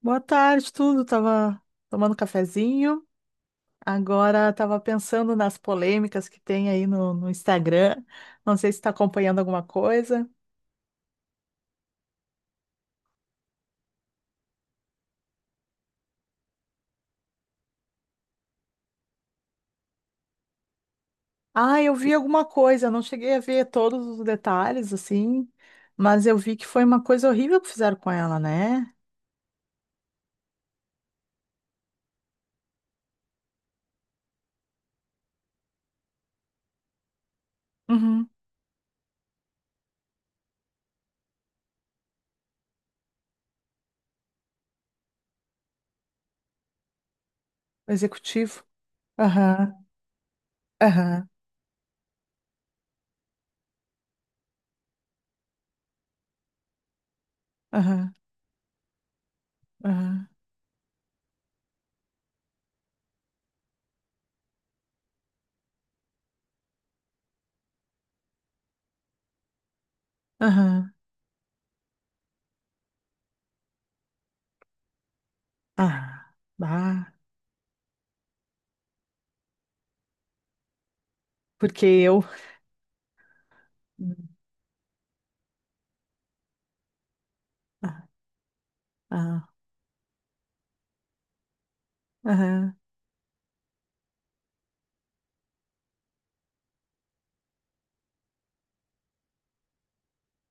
Boa tarde, tudo. Tava tomando cafezinho. Agora tava pensando nas polêmicas que tem aí no Instagram. Não sei se está acompanhando alguma coisa. Ah, eu vi alguma coisa. Não cheguei a ver todos os detalhes, assim, mas eu vi que foi uma coisa horrível que fizeram com ela, né? Uhum. O executivo. Aham, aham, aham, aham, aham. Ah, bah. Porque eu. Ah, ah, aham.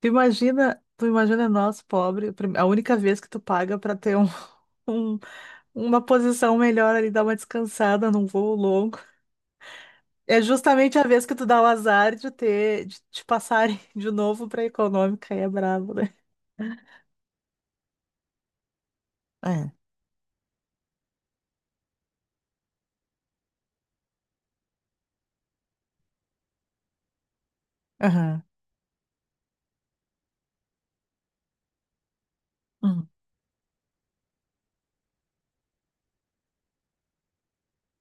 Tu imagina nós, pobre, a única vez que tu paga pra ter um, um- uma posição melhor ali, dar uma descansada num voo longo. É justamente a vez que tu dá o azar de te passarem de novo pra econômica, aí é brabo, né? É. Aham. Hum.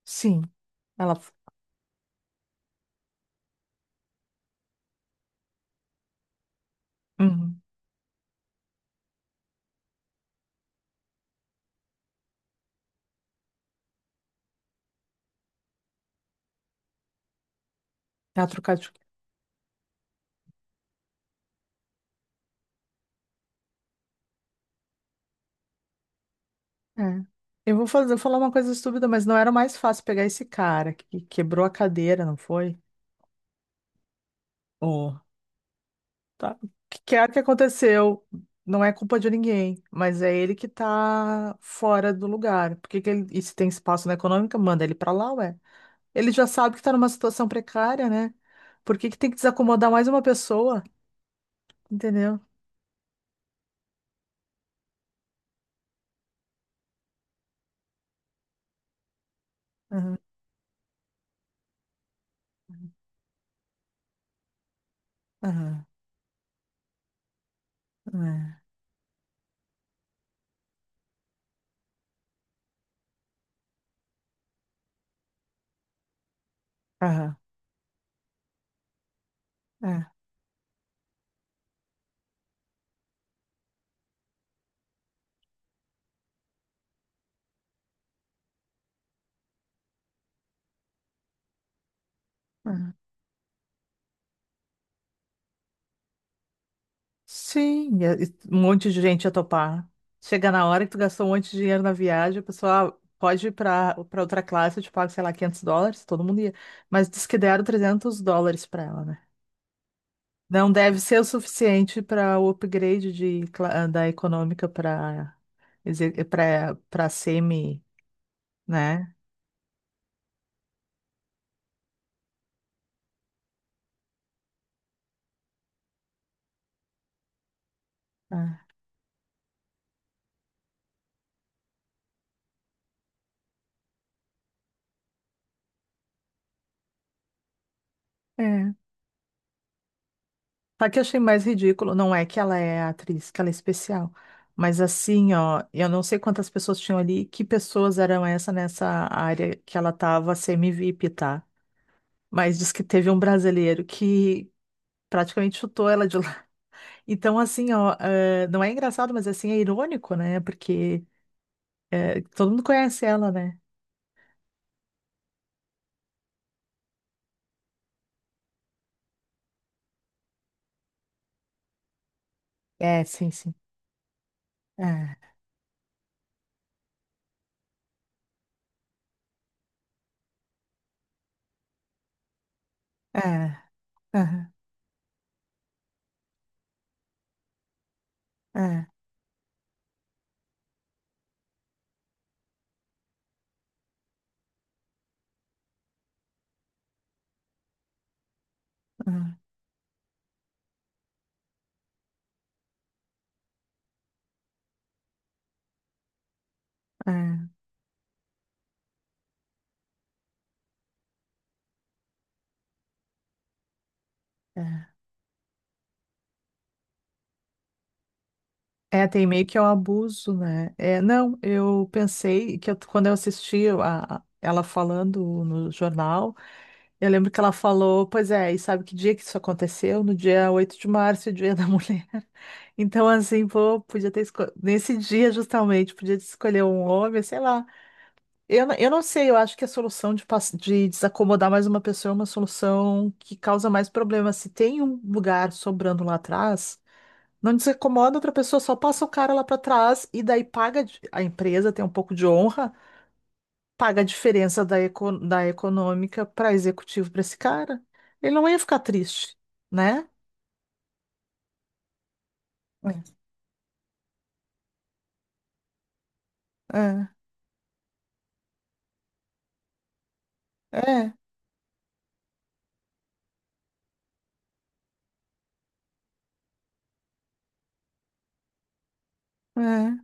Sim. Ela. Uhum. Ela trocar de. É. Falar uma coisa estúpida, mas não era mais fácil pegar esse cara que quebrou a cadeira, não foi? Tá? O que quer que aconteceu, não é culpa de ninguém, mas é ele que tá fora do lugar. Por que que ele, e se tem espaço na econômica, manda ele pra lá, ué. Ele já sabe que tá numa situação precária, né? Por que que tem que desacomodar mais uma pessoa? Entendeu? Aham, aham, é, aham, é, é. Sim, e um monte de gente ia topar. Chega na hora que tu gastou um monte de dinheiro na viagem, o pessoal "Ah, pode ir para outra classe, eu te pago, sei lá, 500 dólares, todo mundo ia. Mas diz que deram 300 dólares para ela, né? Não deve ser o suficiente para o upgrade da econômica para semi, né? É. É. Sabe que eu achei mais ridículo? Não é que ela é atriz, que ela é especial. Mas assim, ó, eu não sei quantas pessoas tinham ali, que pessoas eram essa nessa área que ela tava semi-VIP, tá? Mas diz que teve um brasileiro que praticamente chutou ela de lá. Então, assim, ó, não é engraçado, mas assim, é irônico, né? Porque todo mundo conhece ela, né? É, sim, sim. É, é, é, é, é, é, é. É, tem meio que é o abuso, né? É, não, eu pensei que quando eu assisti ela falando no jornal, eu lembro que ela falou, pois é, e sabe que dia que isso aconteceu? No dia 8 de março, Dia da Mulher. Então, assim, pô, podia ter escolhido, nesse dia justamente, podia ter escolher um homem, sei lá. Eu não sei, eu acho que a solução de desacomodar mais uma pessoa é uma solução que causa mais problemas. Se tem um lugar sobrando lá atrás. Não desincomoda outra pessoa, só passa o cara lá pra trás e daí a empresa, tem um pouco de honra, paga a diferença da econômica para executivo para esse cara. Ele não ia ficar triste, né? É, é, é. É.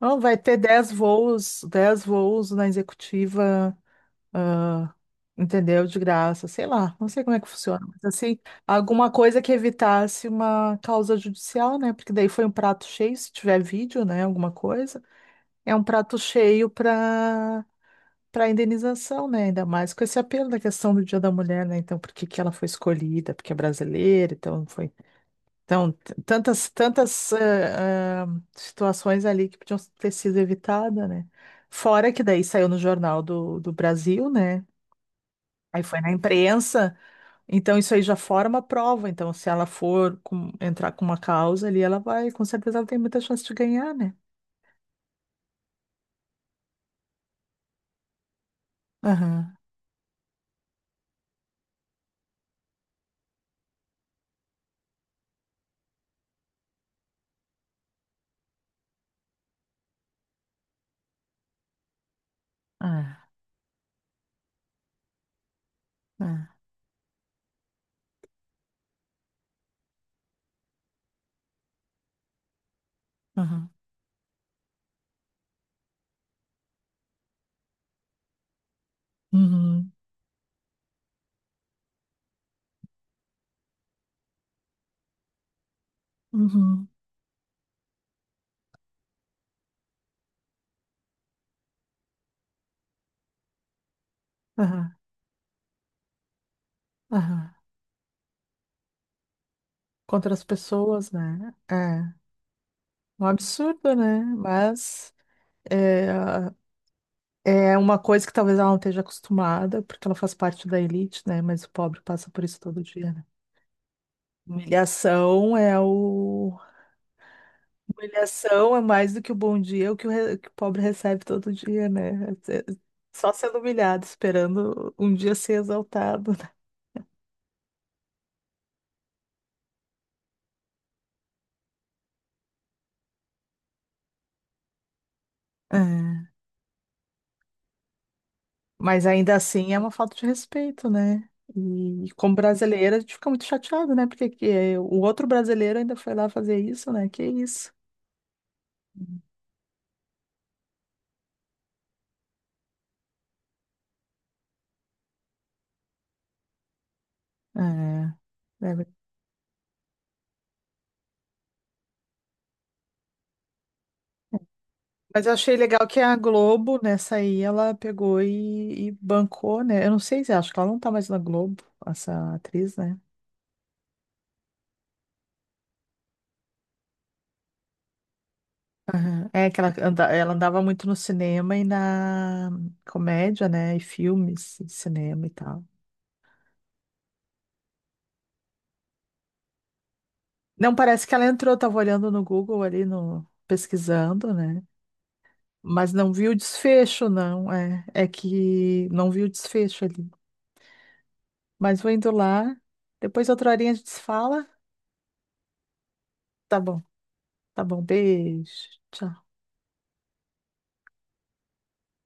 Não, vai ter 10 voos na executiva, ah, entendeu? De graça, sei lá, não sei como é que funciona, mas assim, alguma coisa que evitasse uma causa judicial, né? Porque daí foi um prato cheio, se tiver vídeo, né? Alguma coisa. É um prato cheio para indenização, né? Ainda mais com esse apelo da questão do Dia da Mulher, né? Então, por que que ela foi escolhida? Porque é brasileira, então foi. Então, tantas, tantas ah, situações ali que podiam ter sido evitadas, né? Fora que daí saiu no Jornal do Brasil, né? Aí foi na imprensa, então isso aí já forma prova. Então, se ela for entrar com uma causa ali, ela vai, com certeza ela tem muita chance de ganhar, né? Aham. Ah, ah, aham. Uhum. Uhum. Aham. Aham. Contra as pessoas, né? É um absurdo, né? Mas é, é uma coisa que talvez ela não esteja acostumada, porque ela faz parte da elite, né? Mas o pobre passa por isso todo dia, né? Humilhação é o. Humilhação é mais do que o bom dia, é o que que o pobre recebe todo dia, né? É. Só sendo humilhado, esperando um dia ser exaltado, né? É. Mas ainda assim é uma falta de respeito, né? E como brasileira, a gente fica muito chateado, né? Porque que, o outro brasileiro ainda foi lá fazer isso, né? Que isso. É, é. Mas eu achei legal que a Globo, nessa aí, ela pegou e bancou, né? Eu não sei se acho que ela não tá mais na Globo, essa atriz, né? Aham. É que ela andava muito no cinema e na comédia, né? E filmes, e cinema e tal. Não, parece que ela entrou, tava olhando no Google ali, no, pesquisando, né? Mas não vi o desfecho, não. É, é que não vi o desfecho ali. Mas vou indo lá. Depois outra horinha a gente se fala. Tá bom, tá bom. Beijo. Tchau.